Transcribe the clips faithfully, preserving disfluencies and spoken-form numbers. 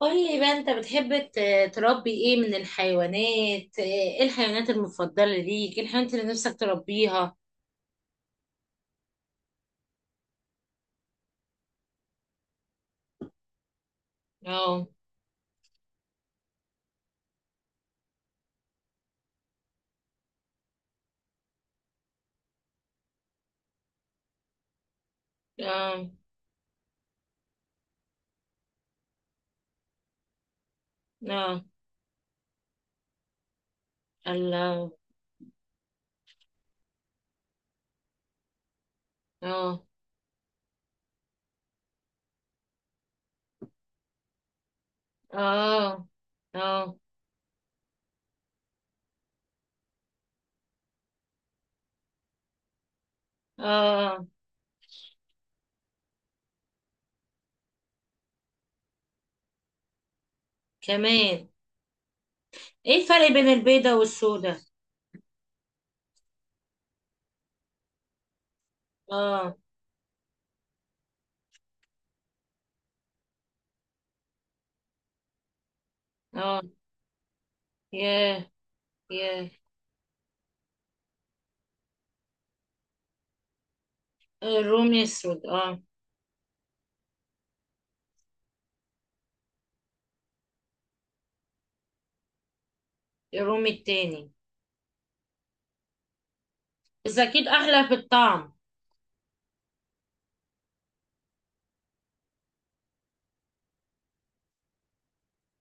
قولي بقى انت بتحب ت- تربي ايه من الحيوانات؟ ايه الحيوانات المفضلة ليك؟ ايه الحيوانات اللي نفسك تربيها؟ اه. اه. اه. الله. اه. اه. اه. اه. كمان. ايه الفرق بين البيضة والسوداء؟ اه. اه. ياه! ياه! الرومي السود، اه. الرومي التاني. بس اكيد احلى في الطعم.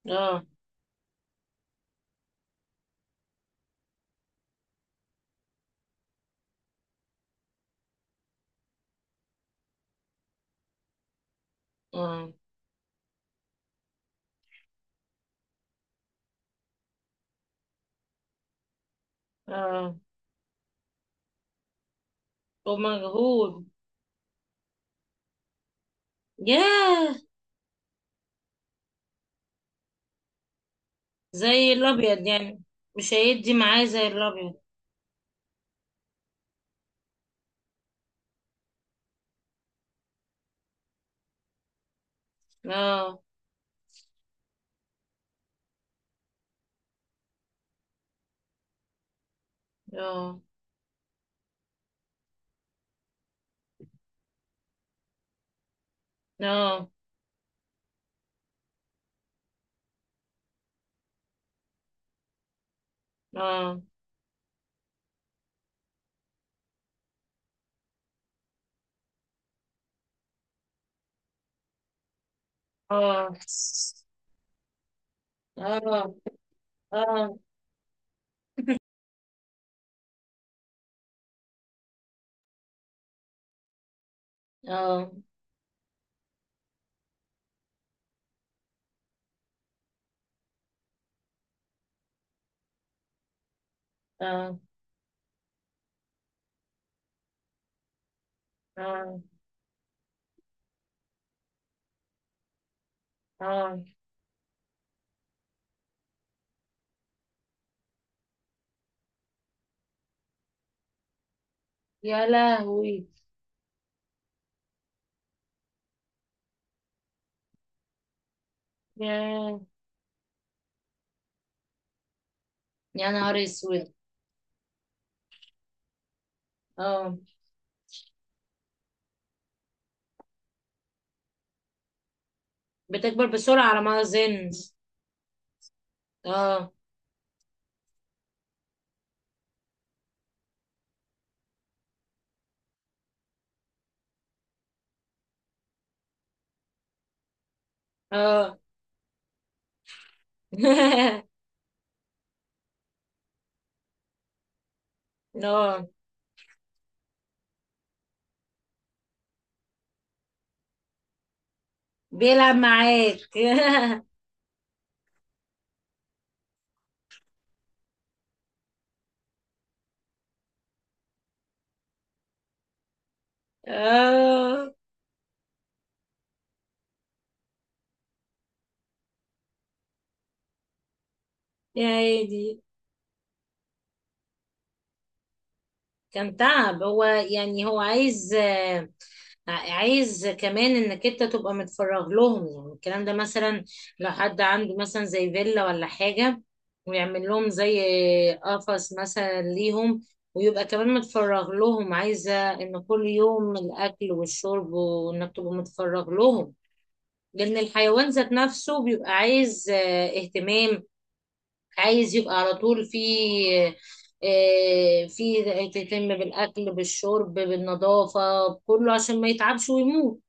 اه. اه. اه. ومجهول. ياه! زي الابيض يعني. مش هيدي معاه زي الابيض. اه. اه. اه. اه. اه. اه. اه. اه. اه. اه. اه. يا لهوي! يا. يا نهار اسود! اه. بتكبر بسرعة على ما اظن. اه. اه. اه. بيلعب معاك. اه. يا هادي! كان تعب هو يعني، هو عايز آه، عايز كمان انك انت تبقى متفرغ لهم، يعني الكلام ده مثلا لو حد عنده مثلا زي فيلا ولا حاجة ويعمل لهم زي قفص مثلا ليهم، ويبقى كمان متفرغ لهم، عايزة ان كل يوم الاكل والشرب وانك تبقى متفرغ لهم، لان الحيوان ذات نفسه بيبقى عايز آه، اهتمام. عايز يبقى على طول في آه، في تهتم بالأكل بالشرب بالنظافة بكله عشان ما يتعبش ويموت.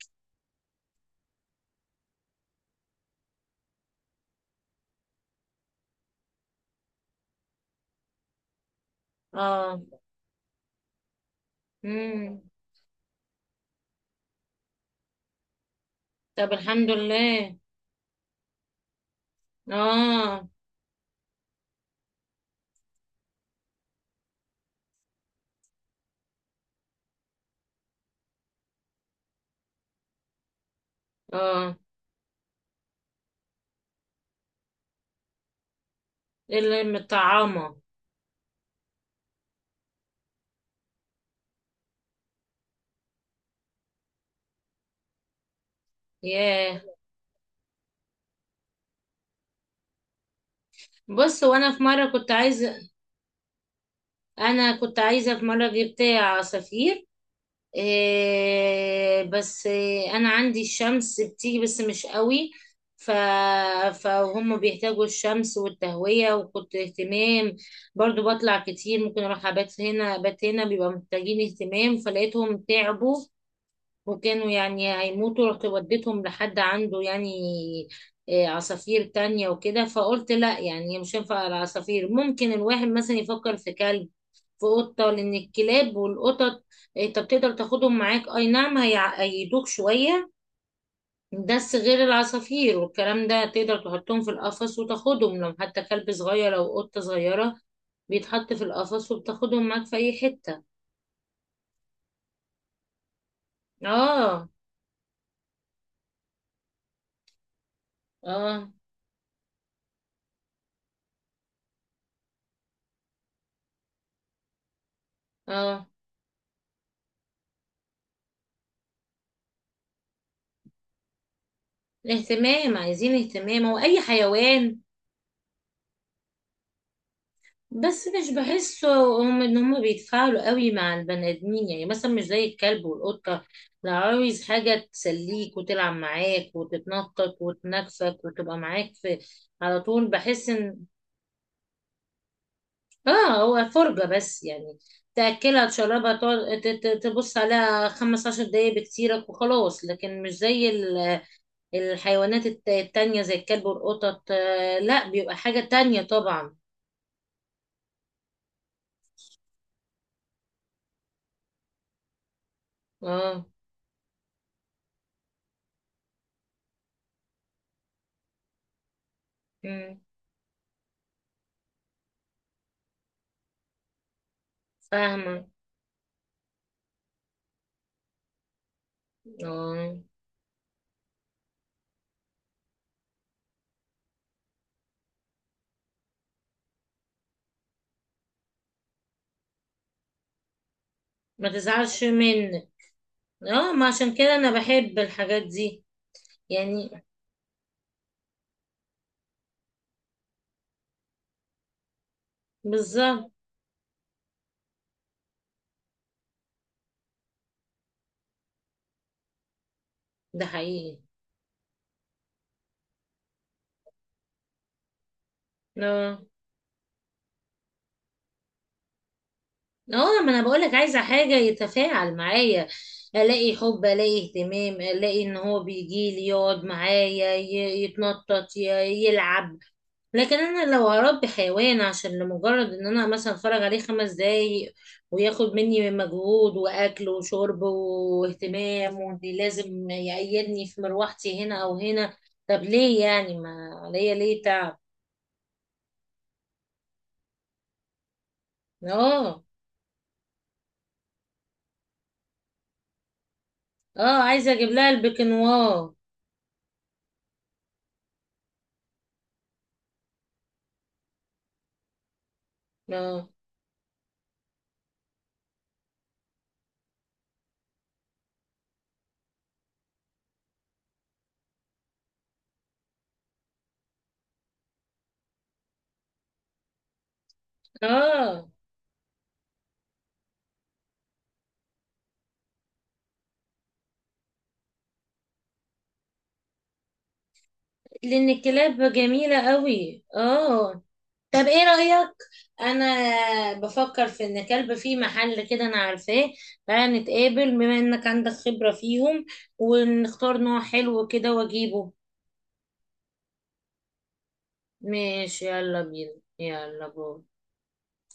اه. مم. طب الحمد لله. اه. اه. اللي مطعمة. ياه! بص وانا في مرة كنت عايزة انا كنت عايزة في مرة جبت عصافير. إيه، بس إيه، انا عندي الشمس بتيجي بس مش قوي. ف... فهم بيحتاجوا الشمس والتهوية، وكنت اهتمام برضو، بطلع كتير ممكن اروح ابات هنا ابات هنا، بيبقى محتاجين اهتمام فلقيتهم تعبوا وكانوا يعني هيموتوا، رحت وديتهم لحد عنده يعني إيه، عصافير تانية وكده. فقلت لا يعني مش هينفع العصافير. ممكن الواحد مثلا يفكر في كلب في أوضة، لأن الكلاب والقطط، آه، أنت بتقدر تاخدهم معاك، أي نعم هيعيدوك شوية، بس غير العصافير والكلام ده تقدر تحطهم في القفص وتاخدهم، لو حتى كلب صغير أو قطة صغيرة بيتحط في القفص وبتاخدهم معاك في أي حتة. اه. اه. اه. اهتمام، عايزين اهتمام، هو أي حيوان. بس مش بحسه، هم ان هم بيتفاعلوا قوي مع البني ادمين. يعني مثلا مش زي الكلب والقطه لو عاوز حاجه تسليك وتلعب معاك وتتنطط وتنكفك وتبقى معاك في على طول، بحس ان اه هو فرجه بس يعني، تاكلها تشربها تقعد ت- ت- تبص عليها خمس عشر دقايق بكتيرك وخلاص، لكن مش زي ال- الحيوانات الت- التانية زي الكلب والقطط، آه، لا بيبقى حاجه تانية طبعا. اه. مم، فاهمه. اه، ما تزعلش منك. اه، ما عشان كده انا بحب الحاجات دي يعني، بالظبط، ده حقيقي. اه. اه، ما انا بقولك عايزة حاجة يتفاعل معايا، الاقي حب الاقي اهتمام الاقي ان هو بيجي لي يقعد معايا ي- يتنطط ي- يلعب. لكن انا لو هربي حيوان عشان لمجرد ان انا مثلا اتفرج عليه خمس دقايق وياخد مني مجهود واكل وشرب واهتمام وان لازم يقيدني في مروحتي هنا او هنا، طب ليه يعني ما عليا ليه تعب. اه. اه، عايزه اجيب لها البكنوار. اه. اه، لان الكلاب جميله قوي. اه. طب ايه رأيك؟ انا بفكر في ان كلب في محل كده انا عارفاه، تعالى نتقابل بما انك عندك خبرة فيهم، ونختار نوع حلو كده واجيبه. ماشي يلا بينا. يلا باي.